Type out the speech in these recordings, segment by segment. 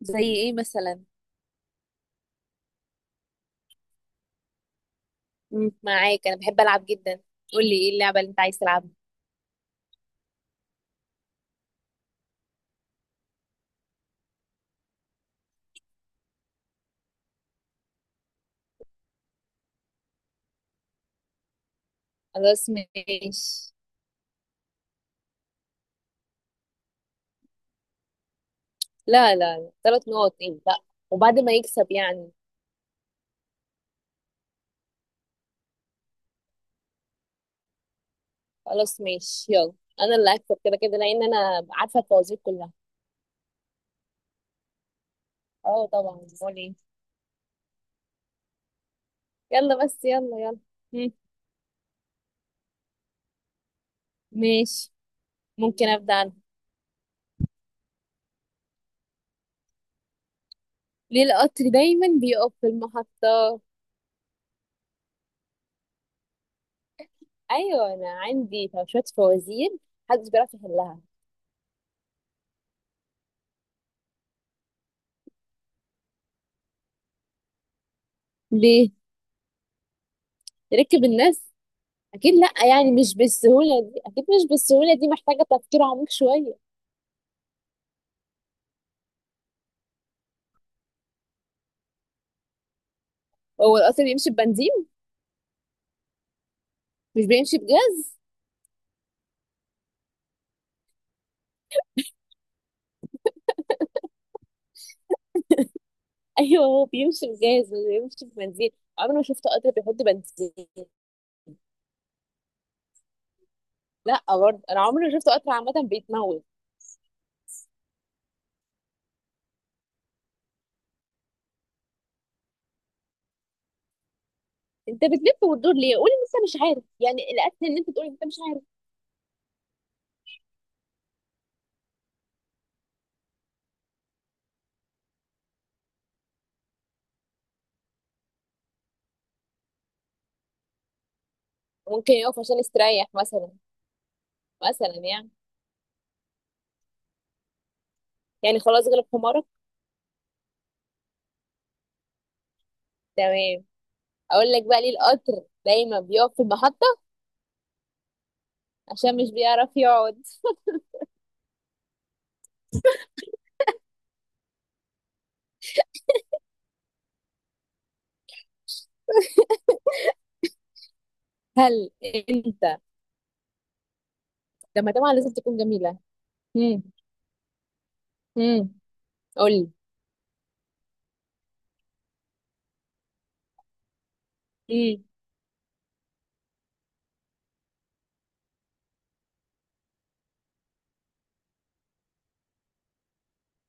زي ايه مثلا؟ معاك، انا بحب العب جدا. قول لي ايه اللعبه اللي انت عايز تلعبها. خلاص ماشي. لا لا لا، ثلاث نقط ايه؟ لا، وبعد ما يكسب يعني؟ خلاص ماشي يلا. انا اللي هكسب كده كده لان انا عارفه الفوازير كلها. اه طبعا، امال ايه. يلا بس يلا يلا. مم. ماشي، ممكن ابدا انا. ليه القطر دايما بيقف في المحطه؟ ايوه انا عندي شويه فوازير محدش بيعرف يحلها. ليه؟ ركب الناس؟ اكيد لا، يعني مش بالسهوله دي، اكيد مش بالسهوله دي، محتاجه تفكير عميق شويه. هو القطر بيمشي ببنزين؟ مش بيمشي بجاز؟ ايوه هو بيمشي بجاز مش بيمشي ببنزين. عمري ما شفت قطر بيحط بنزين. لا برضه انا عمري ما شفت قطر عامه بيتموت. انت بتلف وتدور ليه؟ قولي ان انت مش عارف، يعني الاكل ان انت تقولي انت مش عارف. ممكن يقف عشان يستريح مثلا، مثلا يعني. يعني خلاص غلب حمارك. تمام. اقول لك بقى ليه القطر دايما بيقف في المحطه؟ عشان مش بيعرف يقعد. هل انت؟ لما طبعا لازم تكون جميلة. هم، هم، قولي. هم.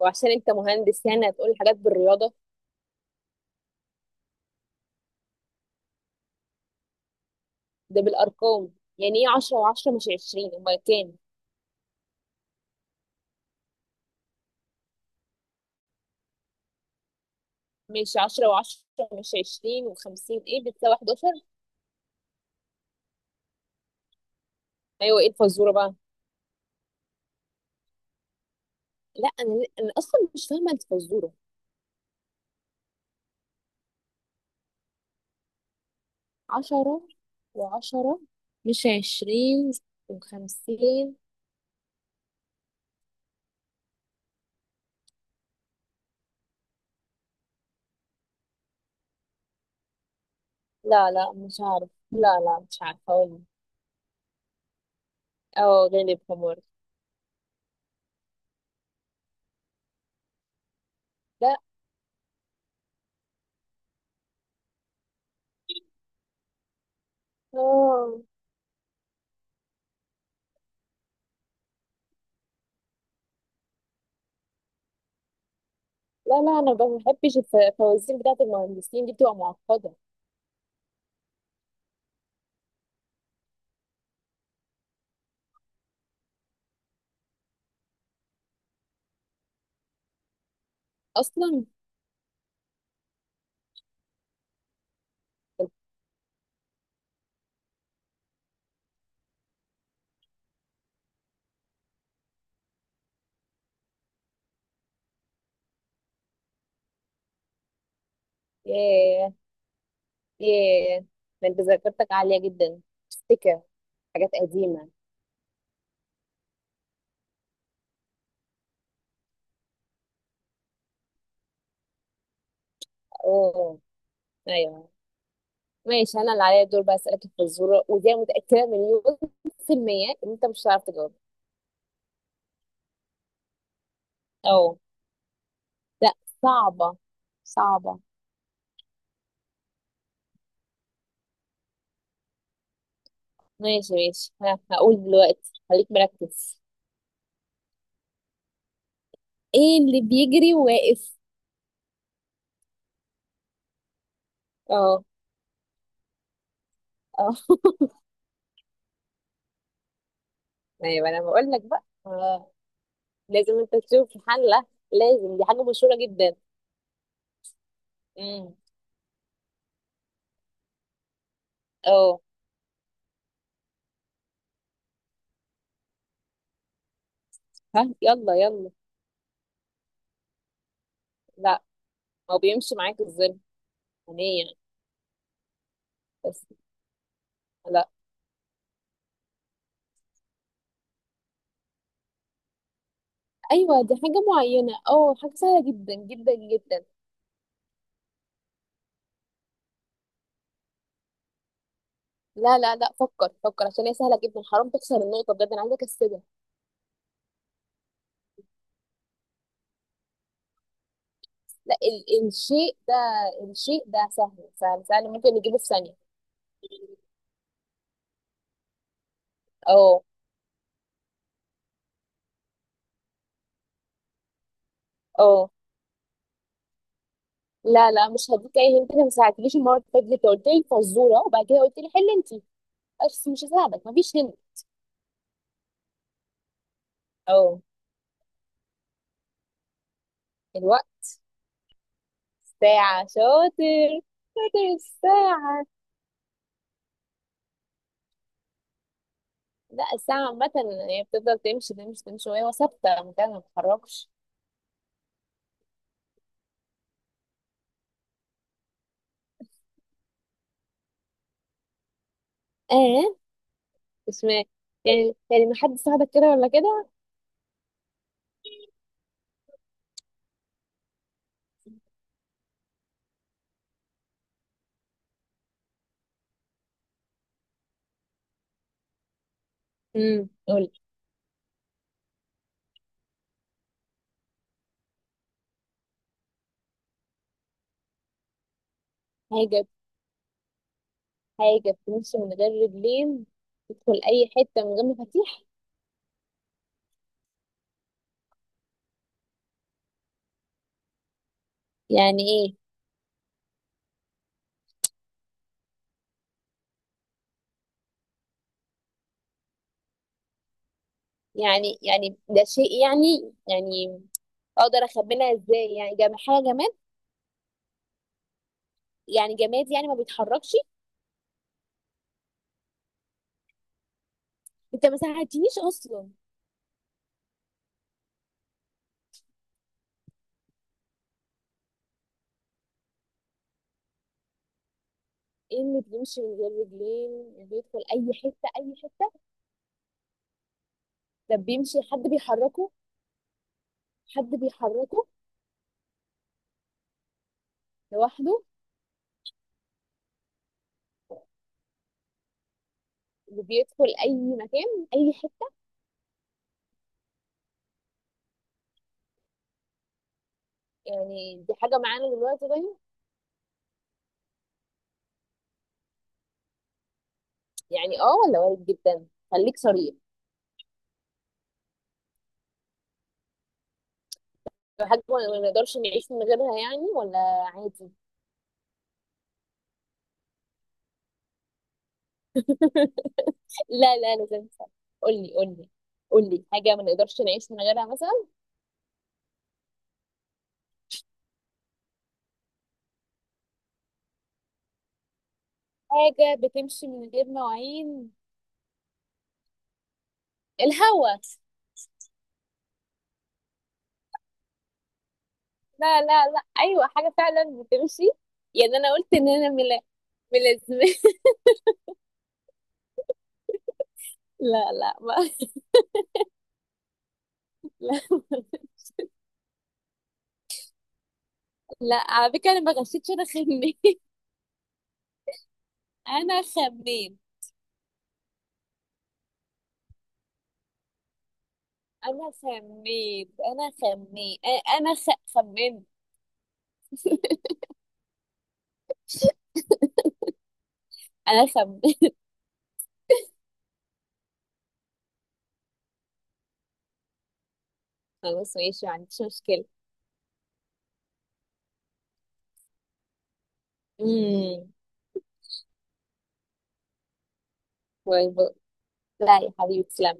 وعشان انت مهندس يعني هتقول حاجات بالرياضة؟ ده بالأرقام؟ يعني ايه عشرة وعشرة مش عشرين أمال كام؟ ماشي، عشرة وعشرة مش عشرين وخمسين ايه بتساوي حداشر؟ أيوة ايه الفزورة بقى؟ لا، أنا أصلا مش فاهمة الفزورة. عشرة وعشرة مش عشرين وخمسين. لا لا مش عارف، لا لا مش عارفة أقول. اه غالب حمار. لا. اه لا لا انا ما بحبش الفوازير بتاعت المهندسين دي بتبقى معقده اصلا. ياه، ياه، ده انت ذاكرتك عاليه جدا. تفتكر حاجات قديمه؟ اوه، ايوه. ماشي، انا اللي عليا الدور بقى اسالك الفزوره، ودي أنا متاكده مليون في الميه ان انت مش هتعرف تجاوب. اه. لا صعبه، صعبه. ماشي ماشي، ها هقول دلوقتي خليك مركز. ايه اللي بيجري واقف؟ اه. اه. ايوه انا بقول لك بقى. لازم انت تشوف حلة. لازم، دي حاجة مشهورة جدا. امم، اه. ها يلا يلا. لا، هو بيمشي معاك الظل؟ هنية؟ بس، لا. ايوه دي حاجة معينة، اه حاجة سهلة جدا جدا جدا. لا لا لا، فكر فكر عشان هي سهلة جدا، حرام تخسر النقطة بجد انا عايزة اكسبها. لا، الشيء ده، الشيء ده سهل سهل سهل ممكن نجيبه في ثانية. اه. اه. لا لا مش هديك اي هنت، انا ما ساعدتنيش المرة اللي فاتت، انت قلت لي فزورة وبعد كده قلت لي حل انت، بس مش هساعدك مفيش هنت. اه الوقت، ساعة شاطر. شاطر الساعة. لا الساعة عامة، هي بتفضل تمشي تمشي تمشي وهي ثابتة مكانها ما بتتحركش. اه، مش ما، يعني يعني ما حد ساعدك كده ولا كده. امم، قول. حاجة، حاجة بتمشي من غير رجلين تدخل أي حتة من غير مفاتيح؟ يعني ايه؟ يعني يعني ده شيء يعني يعني اقدر اخبيها ازاي؟ يعني جم حاجه، جماد؟ يعني جماد يعني ما بيتحركش. انت ما ساعدتنيش اصلا. ايه اللي بيمشي من غير رجلين بيدخل اي حته اي حته؟ ده بيمشي حد بيحركه؟ حد بيحركه؟ لوحده؟ وبيدخل اي مكان اي حته؟ يعني دي حاجه معانا دلوقتي طيب؟ يعني اه ولا وارد جدا؟ خليك صريح، لو حاجه ما نقدرش نعيش من غيرها يعني، ولا عادي؟ لا لا لازم أسأل. قولي، قولي، قولي حاجه ما نقدرش نعيش من غيرها مثلا. حاجه بتمشي من غير مواعين. الهوا. لا لا لا، ايوه حاجه فعلا بتمشي. يعني انا قلت ان انا ملا، ملازمه. لا، لا ما لا، لا على فكره انا ما غشيتش، انا خميت. انا خميت، انا خميت، انا خميت، انا خ... خمنت. انا خمنت. خلاص ماشي ما عنديش مشكله. امم. باي باي. لا يا حبيبي تسلم.